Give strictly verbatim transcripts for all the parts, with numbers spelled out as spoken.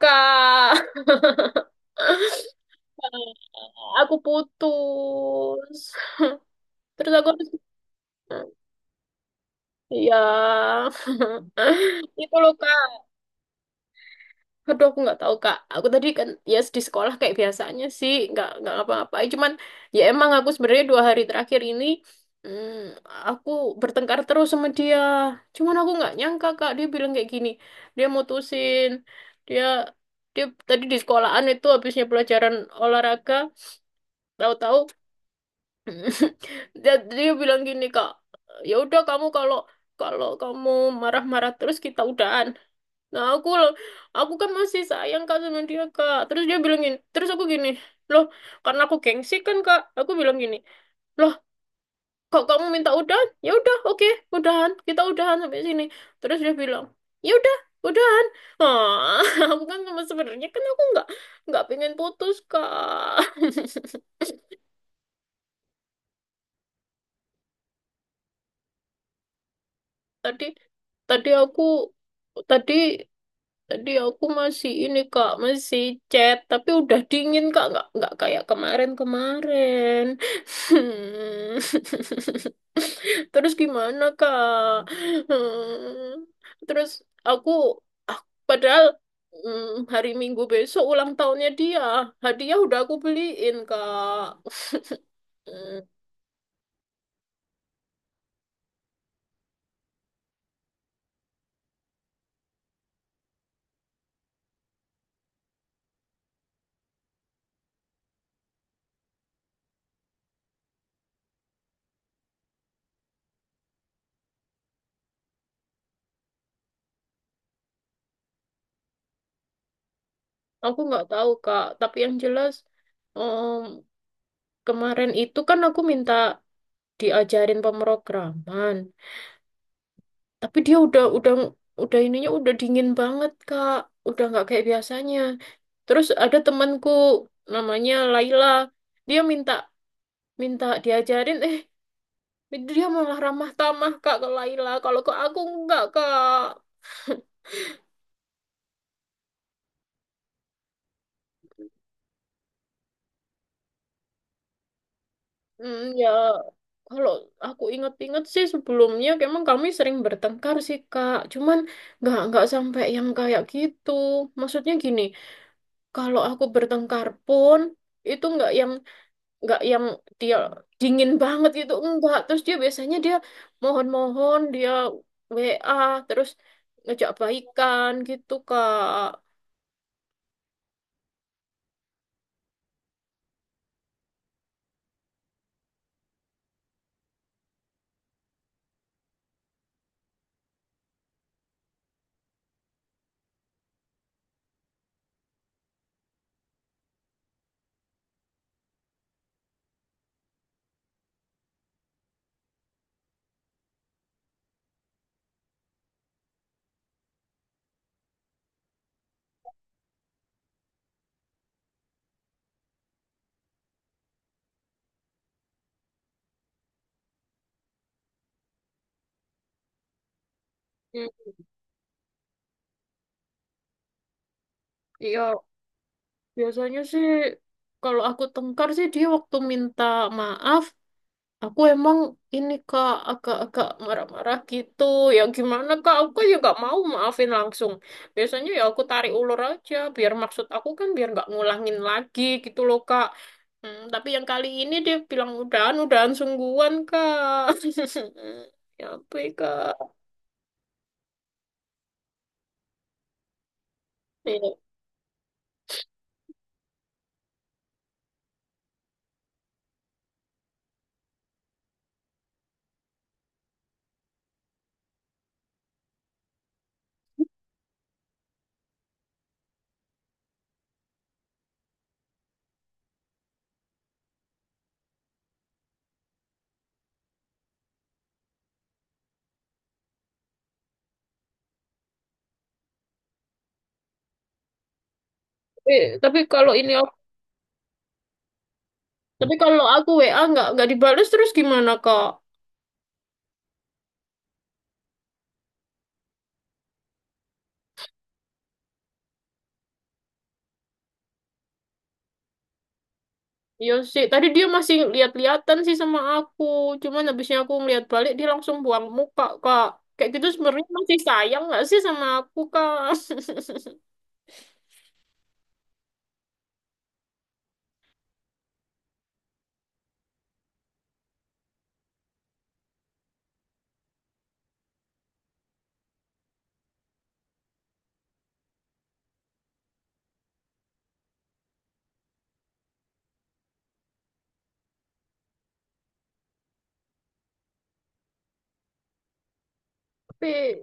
Kak, aku putus. Terus aku harus... Iya. Itu loh, Kak. Aduh, aku nggak tahu, Kak. Aku tadi kan, ya di sekolah kayak biasanya sih. Nggak, nggak apa-apa. Cuman, ya emang aku sebenarnya dua hari terakhir ini, hmm, aku bertengkar terus sama dia. Cuman aku nggak nyangka, Kak. Dia bilang kayak gini. Dia mutusin. Dia, dia tadi di sekolahan itu habisnya pelajaran olahraga. Tahu-tahu. Jadi dia bilang gini kak, ya udah kamu kalau kalau kamu marah-marah terus kita udahan. Nah aku lo- aku kan masih sayang kak sama dia kak. Terus dia bilang gini, terus aku gini, loh, karena aku gengsi kan kak, aku bilang gini, loh, kok kamu minta udahan? Ya udah, oke, udahan, kita udahan sampai sini. Terus dia bilang, ya udah udahan. Ah, aku kan sama sebenarnya kan aku nggak nggak pengen putus kak. Tadi tadi aku tadi Tadi aku masih ini kak, masih chat, tapi udah dingin kak, nggak nggak kayak kemarin-kemarin. Terus gimana kak? Hmm. Terus aku, ah, padahal hmm, hari Minggu besok ulang tahunnya dia, hadiah udah aku beliin kak. Hmm. Aku nggak tahu kak, tapi yang jelas, em, kemarin itu kan aku minta diajarin pemrograman. Tapi dia udah udah udah ininya udah dingin banget, Kak. Udah nggak kayak biasanya. Terus ada temanku namanya Laila. Dia minta minta diajarin, eh dia malah ramah tamah Kak ke Laila. Kalau ke aku enggak, Kak. Hmm, ya kalau aku inget-inget sih sebelumnya emang kami sering bertengkar sih, Kak. Cuman nggak nggak sampai yang kayak gitu. Maksudnya gini, kalau aku bertengkar pun itu nggak yang nggak yang dia dingin banget gitu enggak, terus dia biasanya dia mohon-mohon, dia W A terus ngejak baikan gitu Kak. Hmm, ya biasanya sih kalau aku tengkar sih dia waktu minta maaf, aku emang ini Kak agak-agak marah-marah gitu. Ya gimana Kak? Aku kan juga mau maafin langsung. Biasanya ya aku tarik ulur aja biar, maksud aku kan biar nggak ngulangin lagi gitu loh Kak. Hmm, tapi yang kali ini dia bilang udahan, udahan sungguhan Kak. Ya ampun Kak. Ya, tapi, tapi kalau ini aku- tapi kalau aku W A nggak nggak dibales terus gimana Kak? Iya sih, tadi dia masih lihat-lihatan sih sama aku. Cuman habisnya aku ngeliat balik, dia langsung buang muka, Kak. Kayak gitu sebenarnya masih sayang nggak sih sama aku, Kak? Tapi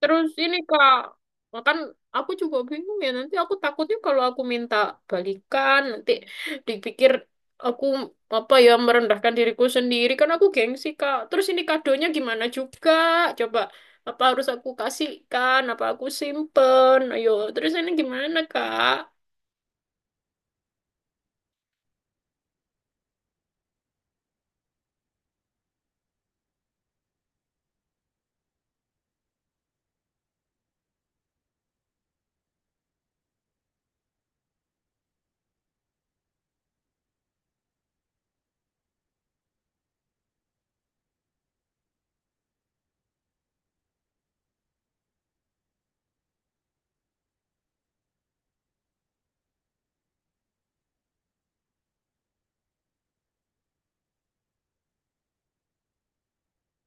Terus ini Kak, kan aku juga bingung, ya nanti aku takutnya kalau aku minta balikan nanti dipikir aku apa ya, merendahkan diriku sendiri, kan aku gengsi Kak. Terus ini kadonya gimana juga? Coba, apa harus aku kasihkan? Apa aku simpen? Ayo, terus ini gimana Kak?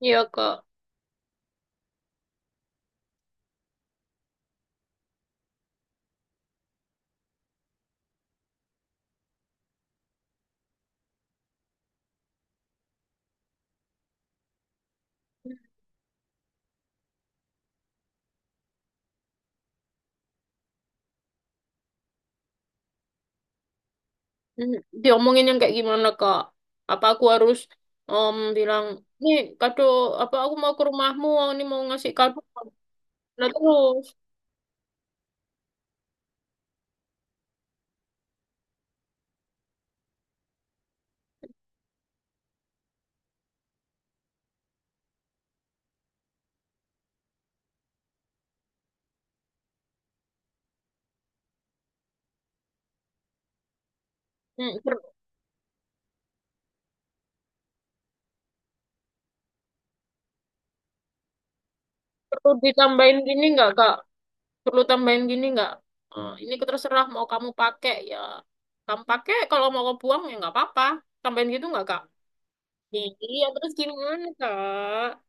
Iya Kak. Hmm. Diomongin yang kayak gimana Kak? Apa aku harus em, bilang, nih kado, apa aku mau ke rumahmu, ini mau ngasih kado. Nah terus. Hmm. Perlu ditambahin gini nggak, Kak? Perlu tambahin gini nggak? Eh, ini terserah mau kamu pakai ya. Kamu pakai, kalau mau kamu buang ya nggak apa-apa. Tambahin gitu nggak, Kak? Iya, terus gimana, Kak?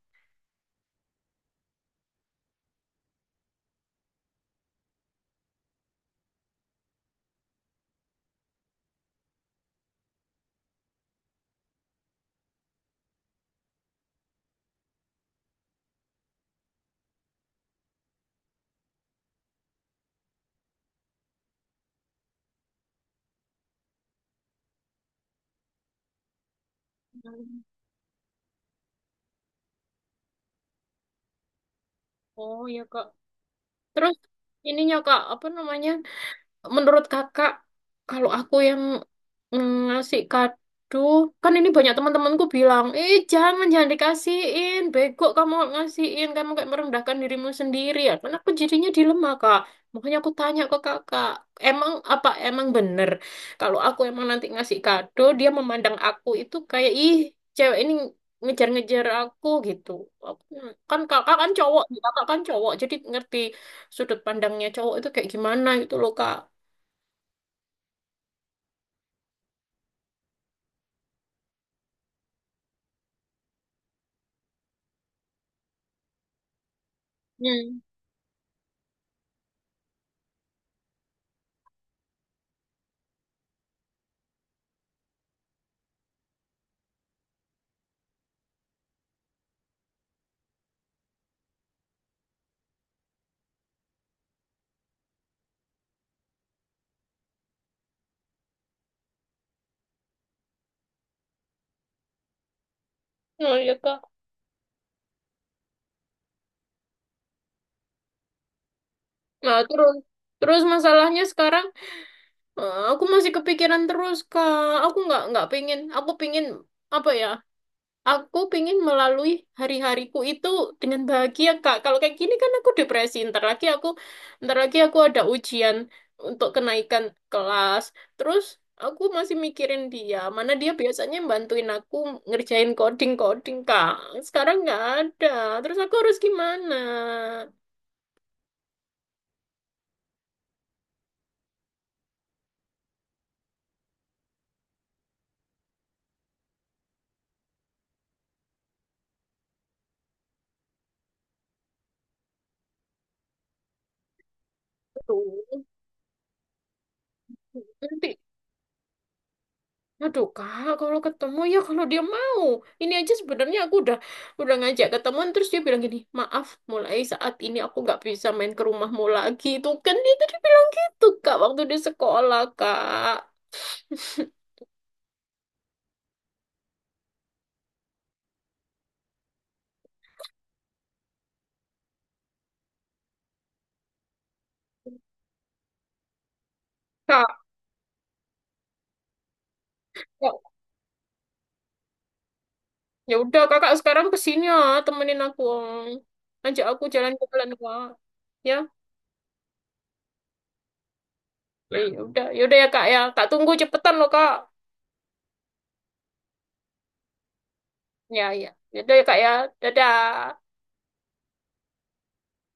Hmm. Oh, ya Kak. Terus ininya, Kak, apa namanya? Menurut kakak, kalau aku yang mm, ngasih kado, kan ini banyak teman-temanku bilang, eh jangan, jangan dikasihin, bego kamu ngasihin, kamu kayak merendahkan dirimu sendiri. Ya kan aku jadinya dilema, Kak. Makanya aku tanya ke kakak, emang apa emang bener? Kalau aku emang nanti ngasih kado, dia memandang aku itu kayak, ih, cewek ini ngejar-ngejar aku gitu. Aku, kan kakak kan cowok, kakak kan cowok, jadi ngerti sudut pandangnya cowok itu kayak gimana gitu loh, Kak. Hmm. Oh iya kak. Nah terus terus masalahnya sekarang, eh, aku masih kepikiran terus kak. Aku nggak nggak pingin. Aku pingin apa ya? Aku pingin melalui hari-hariku itu dengan bahagia kak. Kalau kayak gini kan aku depresi. Ntar lagi aku, ntar lagi aku ada ujian untuk kenaikan kelas. Terus aku masih mikirin dia. Mana dia biasanya bantuin aku ngerjain coding-coding kak. Sekarang nggak ada. Terus aku harus gimana? Aduh. Nanti, aduh kak, kalau ketemu ya kalau dia mau. Ini aja sebenarnya aku udah udah ngajak ketemuan terus dia bilang gini, maaf, mulai saat ini aku nggak bisa main ke rumahmu lagi. Itu kan dia tadi bilang gitu kak waktu di sekolah kak. Kak, kak, ya udah kakak sekarang kesini ya, temenin aku. Ah. Ajak aku jalan jalan kak. Ya, ya ya udah, ya udah ya kak ya. Kak tunggu cepetan loh kak. Ya ya, ya udah ya kak ya. Dadah.